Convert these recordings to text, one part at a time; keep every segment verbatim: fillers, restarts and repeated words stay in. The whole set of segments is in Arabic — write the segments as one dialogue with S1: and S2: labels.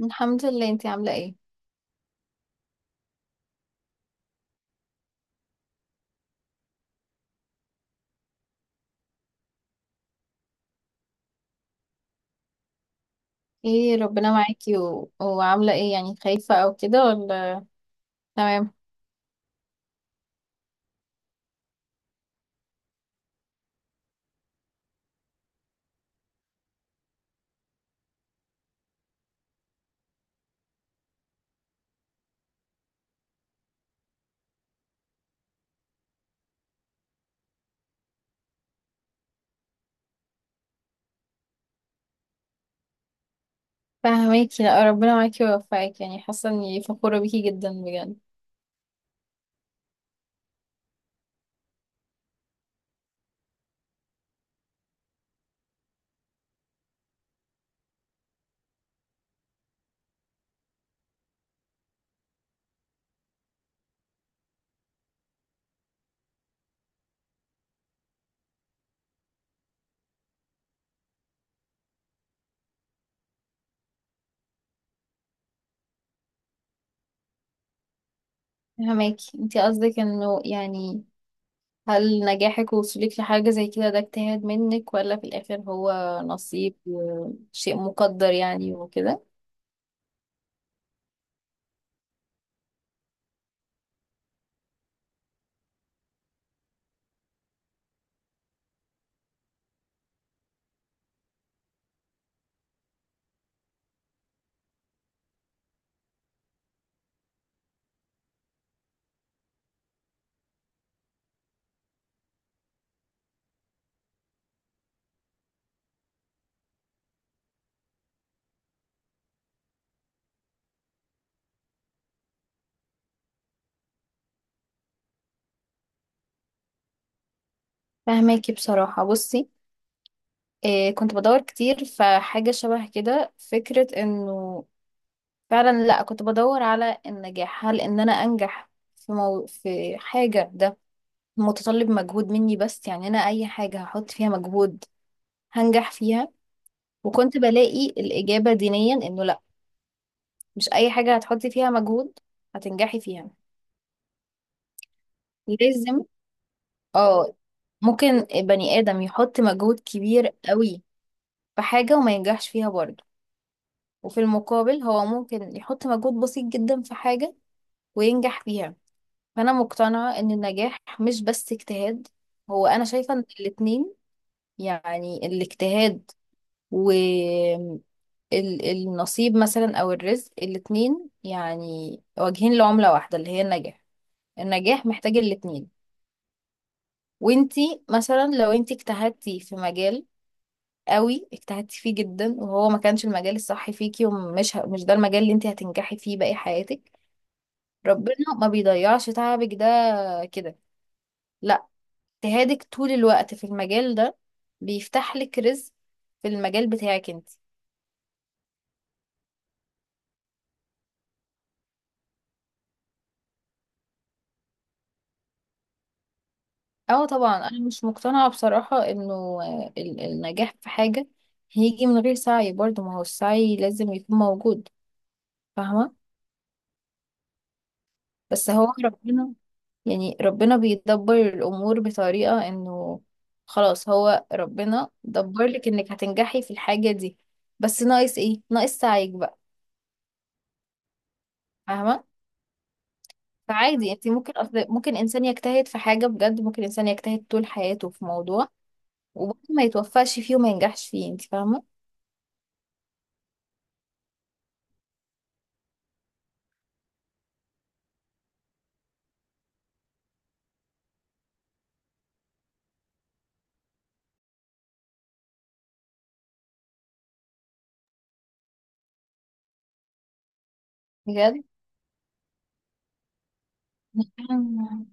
S1: الحمد لله. انتي عاملة ايه؟ ايه، ربنا معاكي. و... وعاملة ايه يعني، خايفة او كده ولا تمام؟ فهماكي. لا، ربنا معاكي ويوفقك. يعني حاسة اني فخورة بيكي جدا بجد. فهماكي. انتي قصدك انه يعني، هل نجاحك ووصولك لحاجة زي كده ده اجتهاد منك ولا في الاخر هو نصيب وشيء مقدر يعني وكده؟ فهماكي بصراحة. بصي، إيه، كنت بدور كتير فحاجة شبه كده، فكرة انه فعلا، لا، كنت بدور على النجاح، هل ان انا انجح في مو... في حاجة ده متطلب مجهود مني، بس يعني انا اي حاجة هحط فيها مجهود هنجح فيها؟ وكنت بلاقي الإجابة دينيا انه لا، مش اي حاجة هتحطي فيها مجهود هتنجحي فيها، لازم. اه، ممكن بني آدم يحط مجهود كبير قوي في حاجة وما ينجحش فيها برضه، وفي المقابل هو ممكن يحط مجهود بسيط جدا في حاجة وينجح فيها. فانا مقتنعة ان النجاح مش بس اجتهاد، هو انا شايفة ان الاتنين، يعني الاجتهاد والنصيب مثلا او الرزق، الاتنين يعني واجهين لعملة واحدة اللي هي النجاح. النجاح محتاج الاتنين. وانتي مثلا لو انتي اجتهدتي في مجال قوي، اجتهدتي فيه جدا وهو ما كانش المجال الصح فيكي، ومش ه- مش ده المجال اللي انتي هتنجحي فيه باقي حياتك، ربنا ما بيضيعش تعبك ده كده. لا، اجتهادك طول الوقت في المجال ده بيفتح لك رزق في المجال بتاعك انت. اه طبعا، انا مش مقتنعة بصراحة انه آه، ال- النجاح في حاجة هيجي من غير سعي برضه، ما هو السعي لازم يكون موجود، فاهمة؟ بس هو ربنا، يعني ربنا بيدبر الامور بطريقة انه خلاص هو ربنا دبر لك انك هتنجحي في الحاجة دي، بس ناقص ايه؟ ناقص سعيك بقى، فاهمة؟ فعادي، انت ممكن، أصل ممكن انسان يجتهد في حاجة بجد، ممكن انسان يجتهد طول حياته في موضوع وبرضه ما يتوفقش فيه وما ينجحش فيه، انت فاهمة؟ بجد. أنا-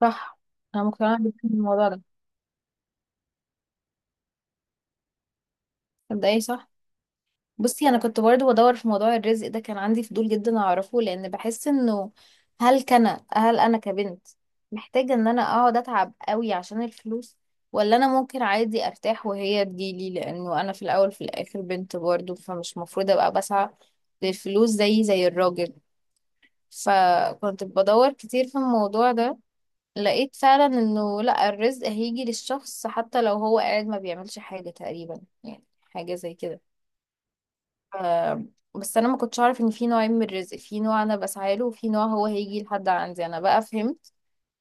S1: صح. انا مقتنعة جدا بالموضوع ده مبدئيا، صح. بصي، انا كنت برضو بدور في موضوع الرزق ده، كان عندي فضول جدا اعرفه لان بحس انه، هل كان هل انا كبنت محتاجة ان انا اقعد اتعب قوي عشان الفلوس، ولا انا ممكن عادي ارتاح وهي تجيلي، لانه انا في الاول في الاخر بنت برضو، فمش مفروض ابقى بسعى للفلوس زي زي الراجل. فكنت بدور كتير في الموضوع ده، لقيت فعلا انه لا، الرزق هيجي للشخص حتى لو هو قاعد ما بيعملش حاجة تقريبا، يعني حاجة زي كده. آه، بس انا ما كنتش اعرف ان في نوعين من الرزق، في نوع انا بسعى له وفي نوع هو هيجي لحد عندي. انا بقى فهمت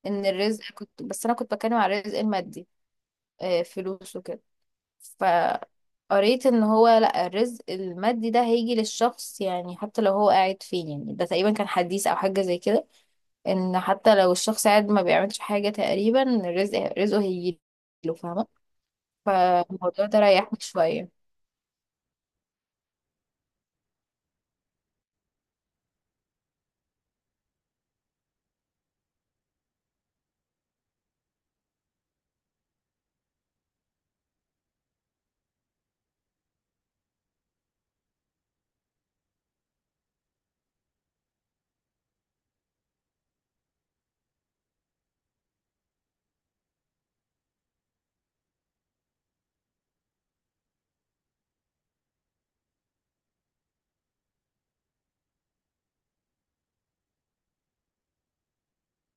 S1: ان الرزق، كنت بس انا كنت بتكلم على الرزق المادي، آه، فلوس وكده. فقريت ان هو لا، الرزق المادي ده هيجي للشخص يعني حتى لو هو قاعد فين، يعني ده تقريبا كان حديث او حاجة زي كده، ان حتى لو الشخص قاعد ما بيعملش حاجة تقريبا، الرزق رزقه هيجي له، فاهمة؟ فالموضوع ده ريحني شوية.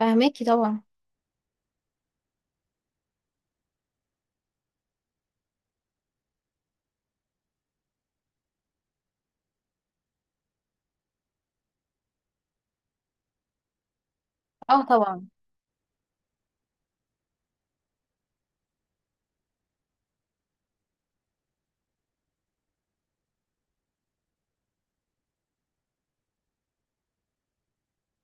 S1: فاهماكي طبعا. اه طبعا.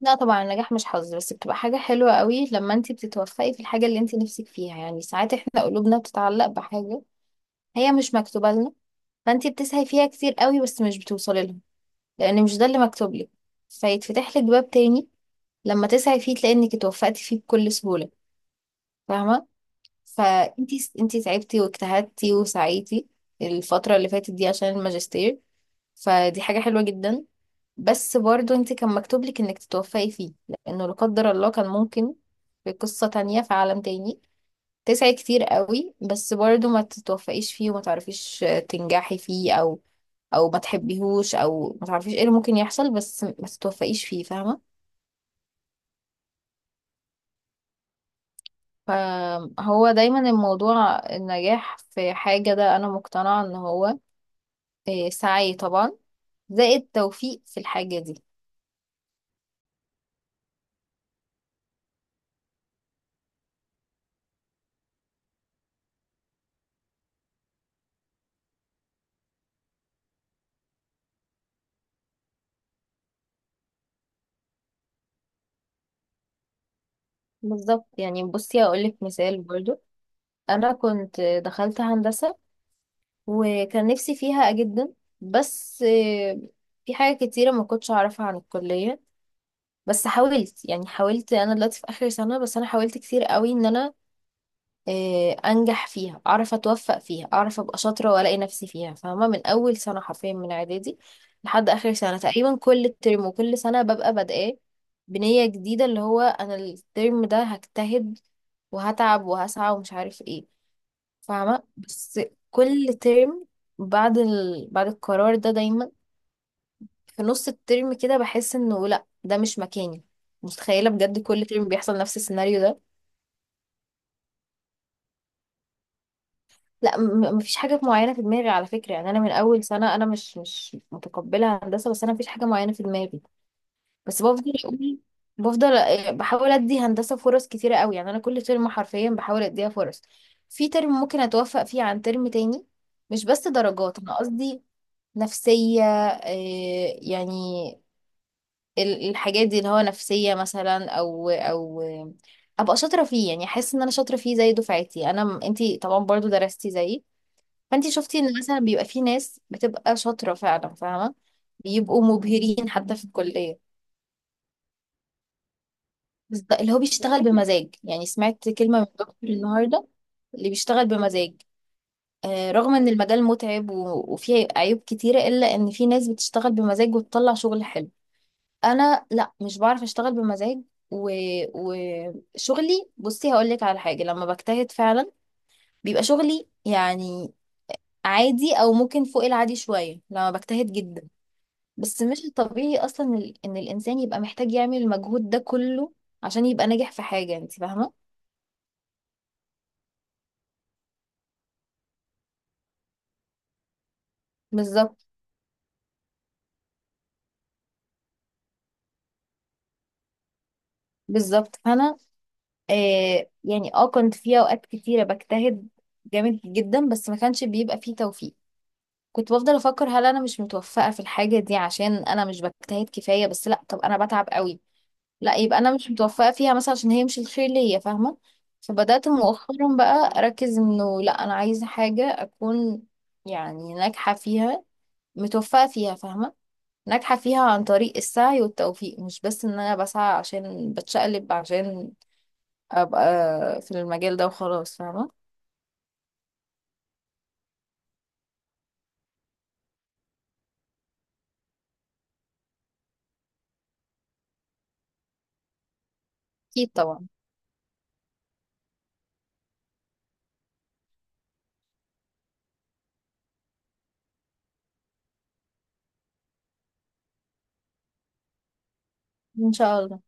S1: لا طبعا، النجاح مش حظ، بس بتبقى حاجة حلوة قوي لما انت بتتوفقي في الحاجة اللي انت نفسك فيها. يعني ساعات احنا قلوبنا بتتعلق بحاجة هي مش مكتوبة لنا، فانت بتسعي فيها كتير قوي بس مش بتوصلي لها لان مش ده اللي مكتوب لك، فيتفتح لك باب تاني لما تسعي فيه تلاقي انك اتوفقتي فيه بكل سهولة، فاهمة؟ فانتي انتي تعبتي واجتهدتي وسعيتي الفترة اللي فاتت دي عشان الماجستير، فدي حاجة حلوة جدا، بس برضو انتي كان مكتوب لك انك تتوفقي فيه، لانه لا قدر الله كان ممكن في قصة تانية في عالم تاني تسعي كتير قوي بس برضو ما تتوفقيش فيه وما تعرفيش تنجحي فيه، او او ما تحبيهوش او ما تعرفيش ايه اللي ممكن يحصل، بس ما تتوفقيش فيه، فاهمة؟ فهو دايما الموضوع، النجاح في حاجة ده انا مقتنعة ان هو إيه، سعي طبعا زائد توفيق في الحاجة دي. بالظبط. يعني بصي، أقولك مثال برضو. أنا كنت دخلت هندسة وكان نفسي فيها جدا، بس إيه، في حاجة كتيرة ما كنتش أعرفها عن الكلية. بس حاولت، يعني حاولت، أنا دلوقتي في آخر سنة، بس أنا حاولت كتير قوي إن أنا آه، انجح فيها، اعرف اتوفق فيها، اعرف ابقى شاطره والاقي نفسي فيها، فاهمه؟ من اول سنه حرفيا، من اعدادي لحد اخر سنه تقريبا، كل ترم وكل سنه ببقى بادئه بنيه جديده، اللي هو انا الترم ده هجتهد وهتعب وهسعى ومش عارف ايه، فاهمه؟ بس كل ترم بعد ال... بعد القرار ده دايما، في نص الترم كده بحس انه لا، ده مش مكاني، متخيله؟ بجد كل ترم بيحصل نفس السيناريو ده. لا، م- مفيش حاجة معينة في دماغي على فكرة، يعني أنا من أول سنة أنا مش مش متقبلة هندسة، بس أنا مفيش حاجة معينة في دماغي. بس بفضل أقول، بفضل آه، بحاول أدي هندسة فرص كتيرة قوي، يعني أنا كل ترم حرفيا بحاول أديها فرص، في ترم ممكن أتوفق فيه عن ترم تاني. مش بس درجات أنا قصدي، نفسية، آه، يعني ال- الحاجات دي اللي هو نفسية مثلا، أو أو آه، أبقى شاطرة فيه، يعني أحس إن أنا شاطرة فيه زي دفعتي. أنا م- أنتي طبعا برضو درستي زيي، فانت شفتي ان مثلا بيبقى في ناس بتبقى شاطره فعلا، فاهمه؟ بيبقوا مبهرين حتى في الكليه. بس ده اللي هو بيشتغل بمزاج، يعني سمعت كلمه من دكتور النهارده، اللي بيشتغل بمزاج آه رغم ان المجال متعب و- وفيه عيوب كتيره، الا ان في ناس بتشتغل بمزاج وتطلع شغل حلو. انا لا، مش بعرف اشتغل بمزاج، و... وشغلي، بصي هقول لك على حاجه، لما بجتهد فعلا بيبقى شغلي يعني عادي او ممكن فوق العادي شويه لما بجتهد جدا. بس مش الطبيعي اصلا ال- ان الانسان يبقى محتاج يعمل المجهود ده كله عشان يبقى ناجح في حاجه، انت فاهمه؟ بالظبط. بالظبط. فانا آه يعني اه كنت في اوقات كتيره بجتهد جامد جدا بس ما كانش بيبقى فيه توفيق. كنت بفضل افكر، هل انا مش متوفقه في الحاجه دي عشان انا مش بجتهد كفايه؟ بس لا، طب انا بتعب قوي، لا، يبقى انا مش متوفقه فيها مثلا عشان هي مش الخير ليا، فاهمه؟ فبدات مؤخرا بقى اركز انه لا، انا عايزه حاجه اكون يعني ناجحه فيها، متوفقة فيها، فاهمة؟ ناجحة فيها عن طريق السعي والتوفيق، مش بس ان انا بسعى عشان بتشقلب عشان ابقى في المجال ده وخلاص، فاهمة؟ اكيد طبعا. ان شاء الله.